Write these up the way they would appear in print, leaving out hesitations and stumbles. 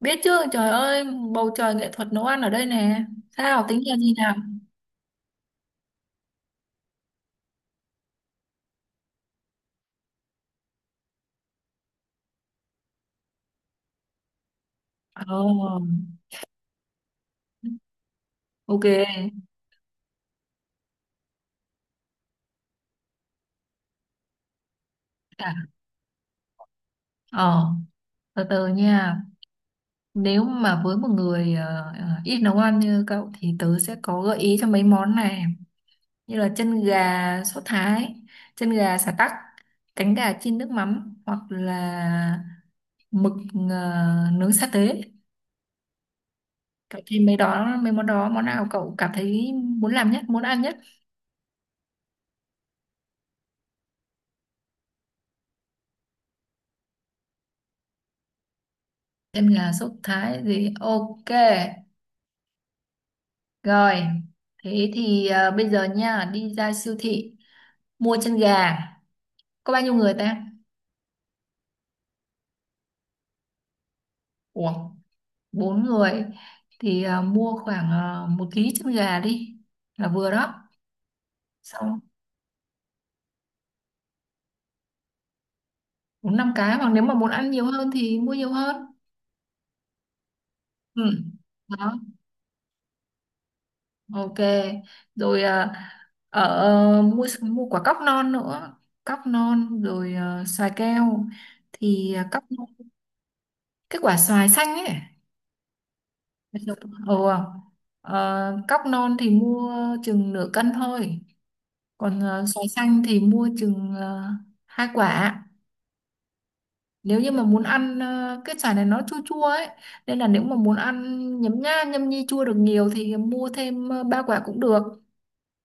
Biết chứ, trời ơi, bầu trời nghệ thuật nấu ăn ở đây nè. Sao, tính là gì nào? Ồ, ok. À, ờ, từ từ nha. Nếu mà với một người ít nấu ăn như cậu thì tớ sẽ có gợi ý cho mấy món này. Như là chân gà sốt Thái, chân gà sả tắc, cánh gà chiên nước mắm hoặc là mực ờ, nướng sa tế. Cậu thêm mấy đó, mấy món đó, món nào cậu cảm thấy muốn làm nhất, muốn ăn nhất? Em là sốc thái gì? Ok. Rồi. Thế thì à, bây giờ nha, đi ra siêu thị mua chân gà. Có bao nhiêu người ta? Ủa, bốn người. Thì à, mua khoảng 1 ký chân gà đi. Là vừa đó. Xong bốn năm cái. Hoặc nếu mà muốn ăn nhiều hơn thì mua nhiều hơn. Ừ. Đó. Ok. Rồi à, ở mua mua quả cóc non nữa. Cóc non rồi à, xoài keo. Thì à, cóc cái quả xoài xanh ấy Bạch. Ừ. Ờ, cóc non thì mua chừng nửa cân thôi. Còn xoài xanh thì mua chừng hai quả. Nếu như mà muốn ăn cái xoài này nó chua chua ấy, nên là nếu mà muốn ăn nhấm nha nhâm nhi chua được nhiều thì mua thêm ba quả cũng được.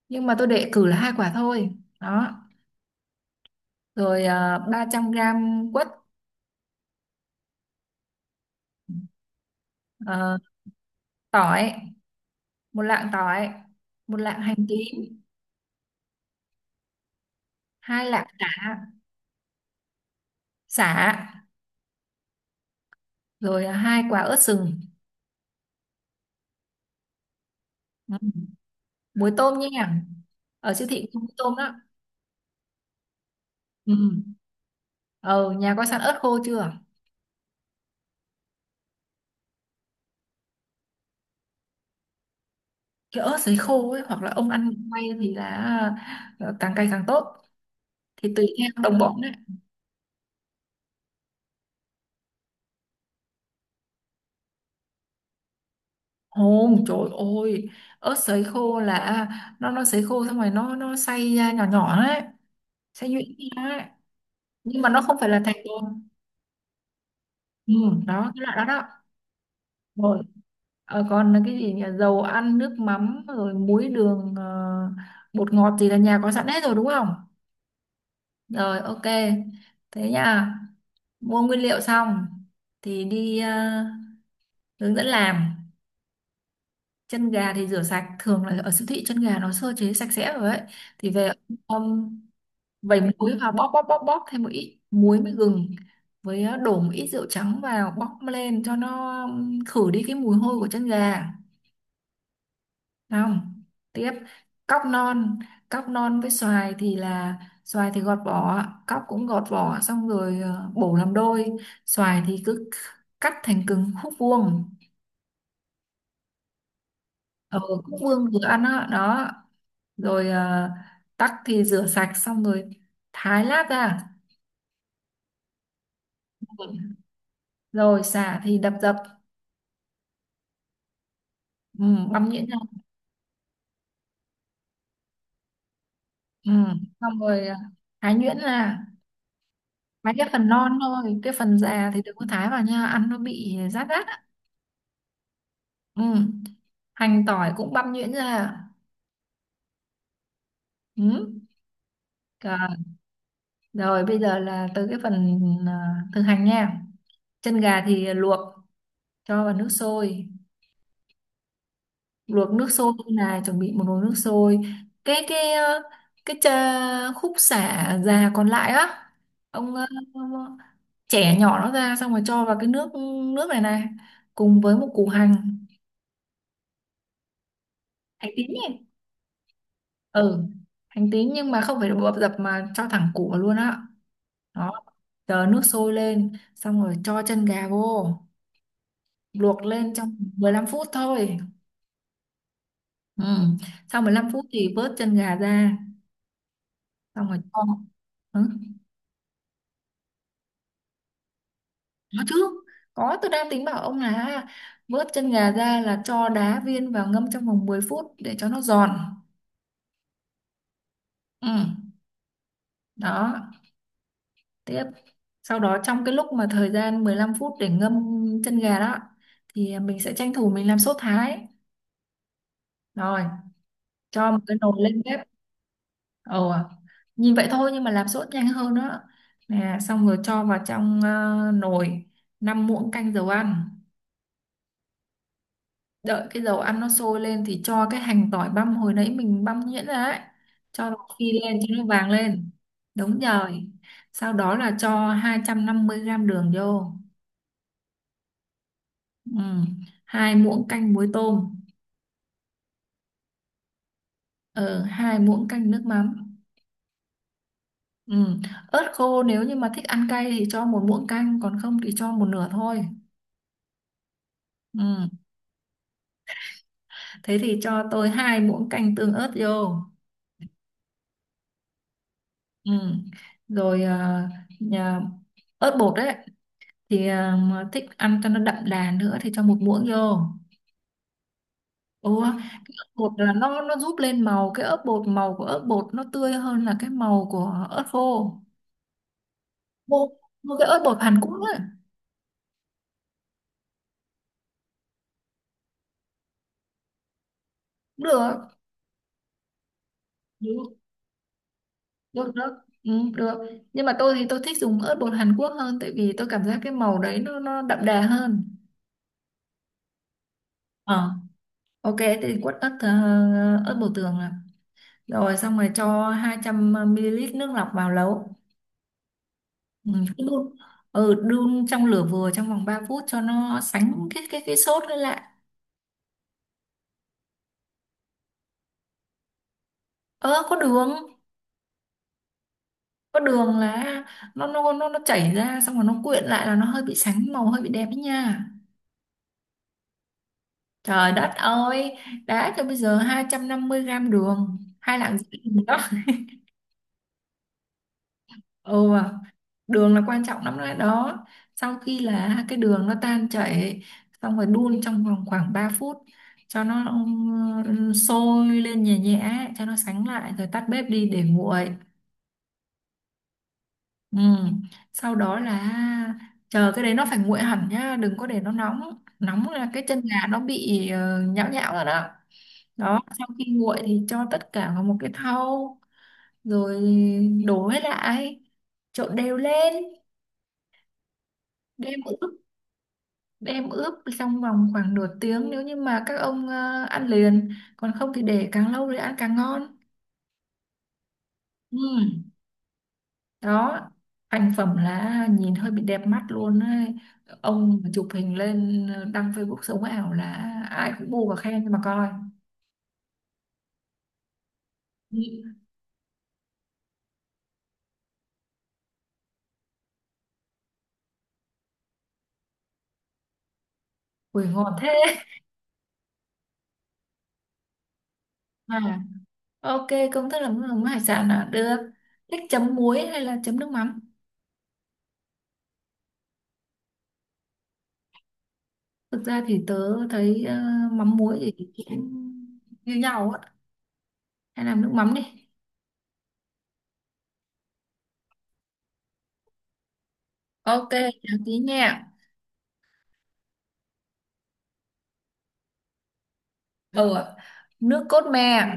Nhưng mà tôi để cử là hai quả thôi. Đó. Rồi 300 gram quất ờ, tỏi, 1 lạng tỏi, 1 lạng hành tím, 2 lạng chả, sả rồi à, hai quả ớt sừng. Ừ. Muối tôm nha, ở siêu thị cũng có tôm đó. Ừ. ờ nhà có sẵn ớt khô chưa. Cái ớt sấy khô ấy hoặc là ông ăn quay thì là càng cay càng tốt thì tùy theo đồng bọn đấy. Ồ, trời ơi, ớt sấy khô là à, nó sấy khô xong rồi nó xay ra nhỏ nhỏ đấy, xay nhuyễn ra ấy. Nhưng mà nó không phải là thành bột. Ừ, đó, cái loại đó đó. Rồi. Ờ, còn là cái gì nhỉ, dầu ăn nước mắm rồi muối đường bột ngọt gì là nhà có sẵn hết rồi đúng không. Rồi, ok, thế nha. Mua nguyên liệu xong thì đi hướng dẫn làm chân gà thì rửa sạch, thường là ở siêu thị chân gà nó sơ chế sạch sẽ rồi ấy, thì về um, vẩy muối vào bóp bóp bóp bóp, thêm một ít muối với gừng với đổ một ít rượu trắng vào bóp lên cho nó khử đi cái mùi hôi của chân gà. Không. Tiếp. Cóc non, cóc non với xoài thì là xoài thì gọt vỏ, cóc cũng gọt vỏ xong rồi bổ làm đôi, xoài thì cứ cắt thành cứng khúc vuông, ở khúc vuông vừa ăn đó, đó. Rồi tắc thì rửa sạch xong rồi thái lát ra. Rồi sả thì đập dập. Ừ, băm nhuyễn ra. Ừ. Xong rồi à, thái nhuyễn ra mấy cái phần non thôi, cái phần già thì đừng có thái vào nha, ăn nó bị rát rát á. Ừ. Hành tỏi cũng băm nhuyễn ra à? Ừ. Rồi. Rồi bây giờ là tới cái phần à, thực hành nha. Chân gà thì luộc cho vào nước sôi, luộc nước sôi là chuẩn bị một nồi nước sôi, cái cái ờ, cái chà, khúc sả già còn lại á ông chẻ nhỏ nó ra xong rồi cho vào cái nước, nước này này, cùng với một củ hành, hành tím nhỉ. Ừ. Hành tím nhưng mà không phải bập dập mà cho thẳng củ vào luôn á. Đó. Chờ nước sôi lên xong rồi cho chân gà vô, luộc lên trong 15 phút thôi. Ừ. Sau 15 phút thì vớt chân gà ra xong rồi cho. Ừ. Có chứ, có, tôi đang tính bảo ông là vớt chân gà ra là cho đá viên vào ngâm trong vòng 10 phút để cho nó giòn. Ừ. Đó. Tiếp. Sau đó trong cái lúc mà thời gian 15 phút để ngâm chân gà đó thì mình sẽ tranh thủ mình làm sốt thái. Rồi cho một cái nồi lên bếp. Ồ, à, nhìn vậy thôi nhưng mà làm sốt nhanh hơn đó. Nè, xong rồi cho vào trong nồi 5 muỗng canh dầu ăn. Đợi cái dầu ăn nó sôi lên thì cho cái hành tỏi băm hồi nãy mình băm nhuyễn ra ấy. Cho nó phi lên cho nó vàng lên. Đúng rồi. Sau đó là cho 250 gram đường vô. Ừ. 2 muỗng canh muối tôm. Ừ, 2 muỗng canh nước mắm. Ừ. Ớt khô nếu như mà thích ăn cay thì cho 1 muỗng canh còn không thì cho một nửa thôi. Ừ. Thế thì cho tôi 2 muỗng canh tương ớt vô. Ừ. Rồi nhà- ớt bột đấy thì mà thích ăn cho nó đậm đà nữa thì cho một muỗng vô. Ủa, bột là nó giúp lên màu, cái ớt bột, màu của ớt bột nó tươi hơn là cái màu của ớt khô. Mua, mua cái ớt bột Hàn Quốc ấy. Được, được, được, được. Ừ, được. Nhưng mà tôi thì tôi thích dùng ớt bột Hàn Quốc hơn tại vì tôi cảm giác cái màu đấy nó đậm đà hơn. Ờ, ok thế thì quất ớt ớt bột tường rồi xong rồi cho 200 ml nước lọc vào lẩu, ừ, cứ đun, đun trong lửa vừa trong vòng 3 phút cho nó sánh cái sốt lên lại. Ơ có đường. Có đường là nó chảy ra xong rồi nó quyện lại là nó hơi bị sánh màu, hơi bị đẹp ấy nha. Trời đất ơi, đã cho bây giờ 250 gram đường, 2 lạng rưỡi Ừ, đường là quan trọng lắm đấy đó. Sau khi là cái đường nó tan chảy, xong rồi đun trong vòng khoảng 3 phút cho nó sôi lên nhẹ nhẹ, cho nó sánh lại rồi tắt bếp đi để nguội. Ừ. Sau đó là chờ cái đấy nó phải nguội hẳn nhá, đừng có để nó nóng. Nóng là cái chân gà nó bị nhão nhão rồi đó. Đó, sau khi nguội thì cho tất cả vào một cái thau rồi đổ hết lại, trộn đều lên. Đêm đem ướp trong vòng khoảng nửa tiếng nếu như mà các ông ăn liền, còn không thì để càng lâu thì ăn càng ngon. Ừ. Đó. Thành phẩm là nhìn hơi bị đẹp mắt luôn ấy. Ông mà chụp hình lên đăng Facebook sống ảo là ai cũng bu và khen nhưng mà coi. Ừ. Ui ngon thế. À, ok, công thức làm nước mắm hải sản là được. Thích chấm muối hay là chấm nước mắm. Thực ra thì tớ thấy mắm muối thì cũng như nhau á. Hay làm nước mắm đi. Ok, chào tí nha. Ừ, ạ. Nước cốt me,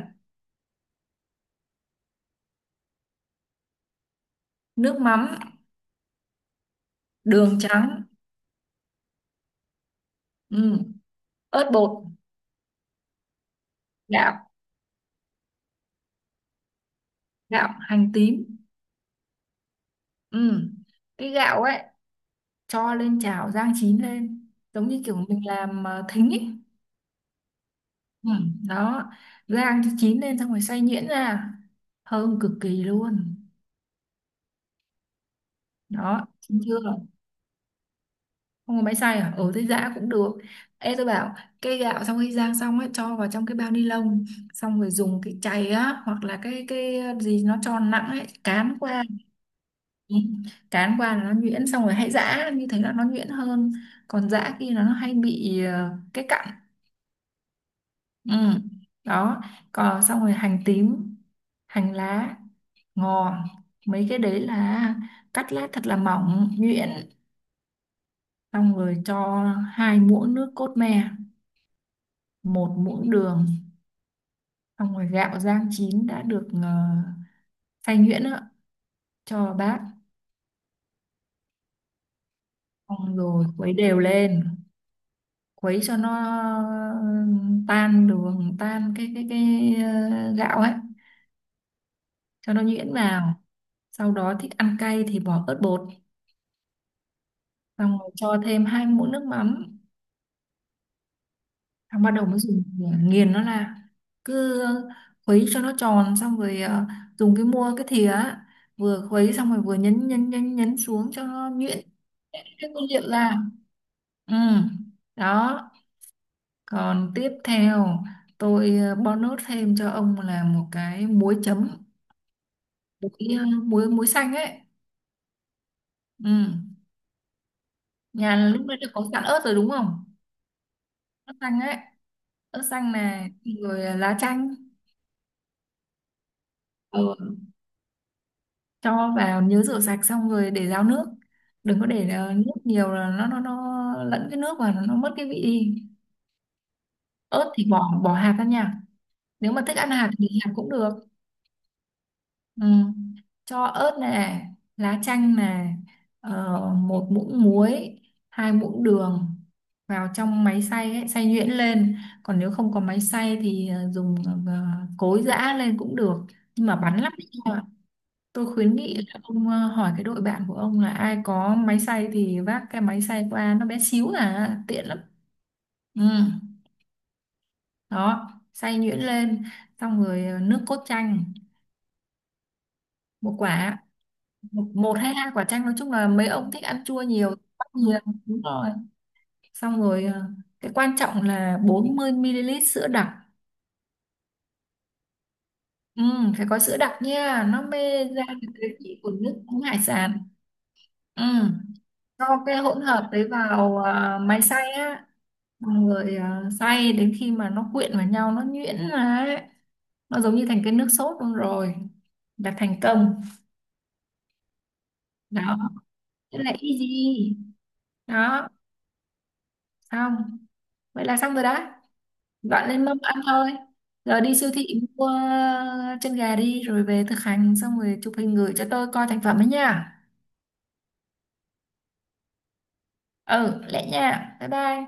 nước mắm, đường trắng, ừ, ớt bột, gạo, gạo, hành tím. Ừ. Cái gạo ấy cho lên chảo rang chín lên, giống như kiểu mình làm thính ấy. Ừ. Đó, rang cho chín lên xong rồi xay nhuyễn ra. Thơm cực kỳ luôn. Đó, chín chưa? Không có máy xay à? Ừ thế giã cũng được. Ê tôi bảo cái gạo sau khi rang xong ấy cho vào trong cái bao ni lông xong rồi dùng cái chày á hoặc là cái gì nó tròn nặng ấy cán qua. Ừ, cán qua là nó nhuyễn xong rồi hãy giã, như thế là nó nhuyễn hơn, còn giã kia là nó hay bị cái cặn. Ừ. Đó. Còn xong rồi hành tím, hành lá, ngò, mấy cái đấy là cắt lát thật là mỏng nhuyễn, xong rồi cho 2 muỗng nước cốt me, 1 muỗng đường, xong rồi gạo rang chín đã được xay nhuyễn á, cho vào bát, xong rồi khuấy đều lên, khuấy cho nó tan đường, tan gạo ấy, cho nó nhuyễn vào. Sau đó thích ăn cay thì bỏ ớt bột, xong rồi cho thêm 2 muỗng nước mắm. Thằng bắt đầu mới dùng nghiền nó ra. Cứ khuấy cho nó tròn xong rồi dùng cái thìa á, vừa khuấy xong rồi vừa nhấn nhấn nhấn nhấn xuống cho nó nhuyễn cái nguyên liệu ra. Ừ. Đó. Còn tiếp theo tôi bonus thêm cho ông là một cái muối chấm. Muối ờ, muối muối xanh ấy. Ừ, nhà lúc nãy đã có sẵn ớt rồi đúng không. Ớt xanh ấy, ớt xanh này. Rồi lá chanh. Ừ, cho vào nhớ rửa sạch xong rồi để ráo nước, đừng có để nước nhiều là nó lẫn cái nước và nó mất cái vị đi. Ớt thì bỏ bỏ hạt ra nha. Nếu mà thích ăn hạt thì hạt cũng được. Ừ. Cho ớt nè, lá chanh nè, 1 muỗng muối, 2 muỗng đường, vào trong máy xay ấy, xay nhuyễn lên. Còn nếu không có máy xay thì ờ, dùng ờ, cối giã lên cũng được nhưng mà bắn lắm. Tôi khuyến nghị là ông hỏi cái đội bạn của ông là ai có máy xay thì vác cái máy xay qua, nó bé xíu à, tiện lắm. Ừ, đó, xay nhuyễn lên, xong rồi nước cốt chanh, một quả, một hay hai quả chanh, nói chung là mấy ông thích ăn chua nhiều, bắt nhiều, đúng rồi. Xong rồi cái quan trọng là 40 ml sữa đặc. Ừ, phải có sữa đặc nha, nó mê ra được cái vị của nước uống hải sản. Ừ, cho cái hỗn hợp đấy vào máy xay á. Xong rồi à, xay đến khi mà nó quyện vào nhau, nó nhuyễn ra ấy. Nó giống như thành cái nước sốt luôn rồi là thành công. Đó, thế là easy. Đó. Xong, vậy là xong rồi đó, dọn lên mâm ăn thôi. Giờ đi siêu thị mua chân gà đi rồi về thực hành xong rồi chụp hình gửi cho tôi coi thành phẩm ấy nha. Ừ, lẹ nha, bye bye.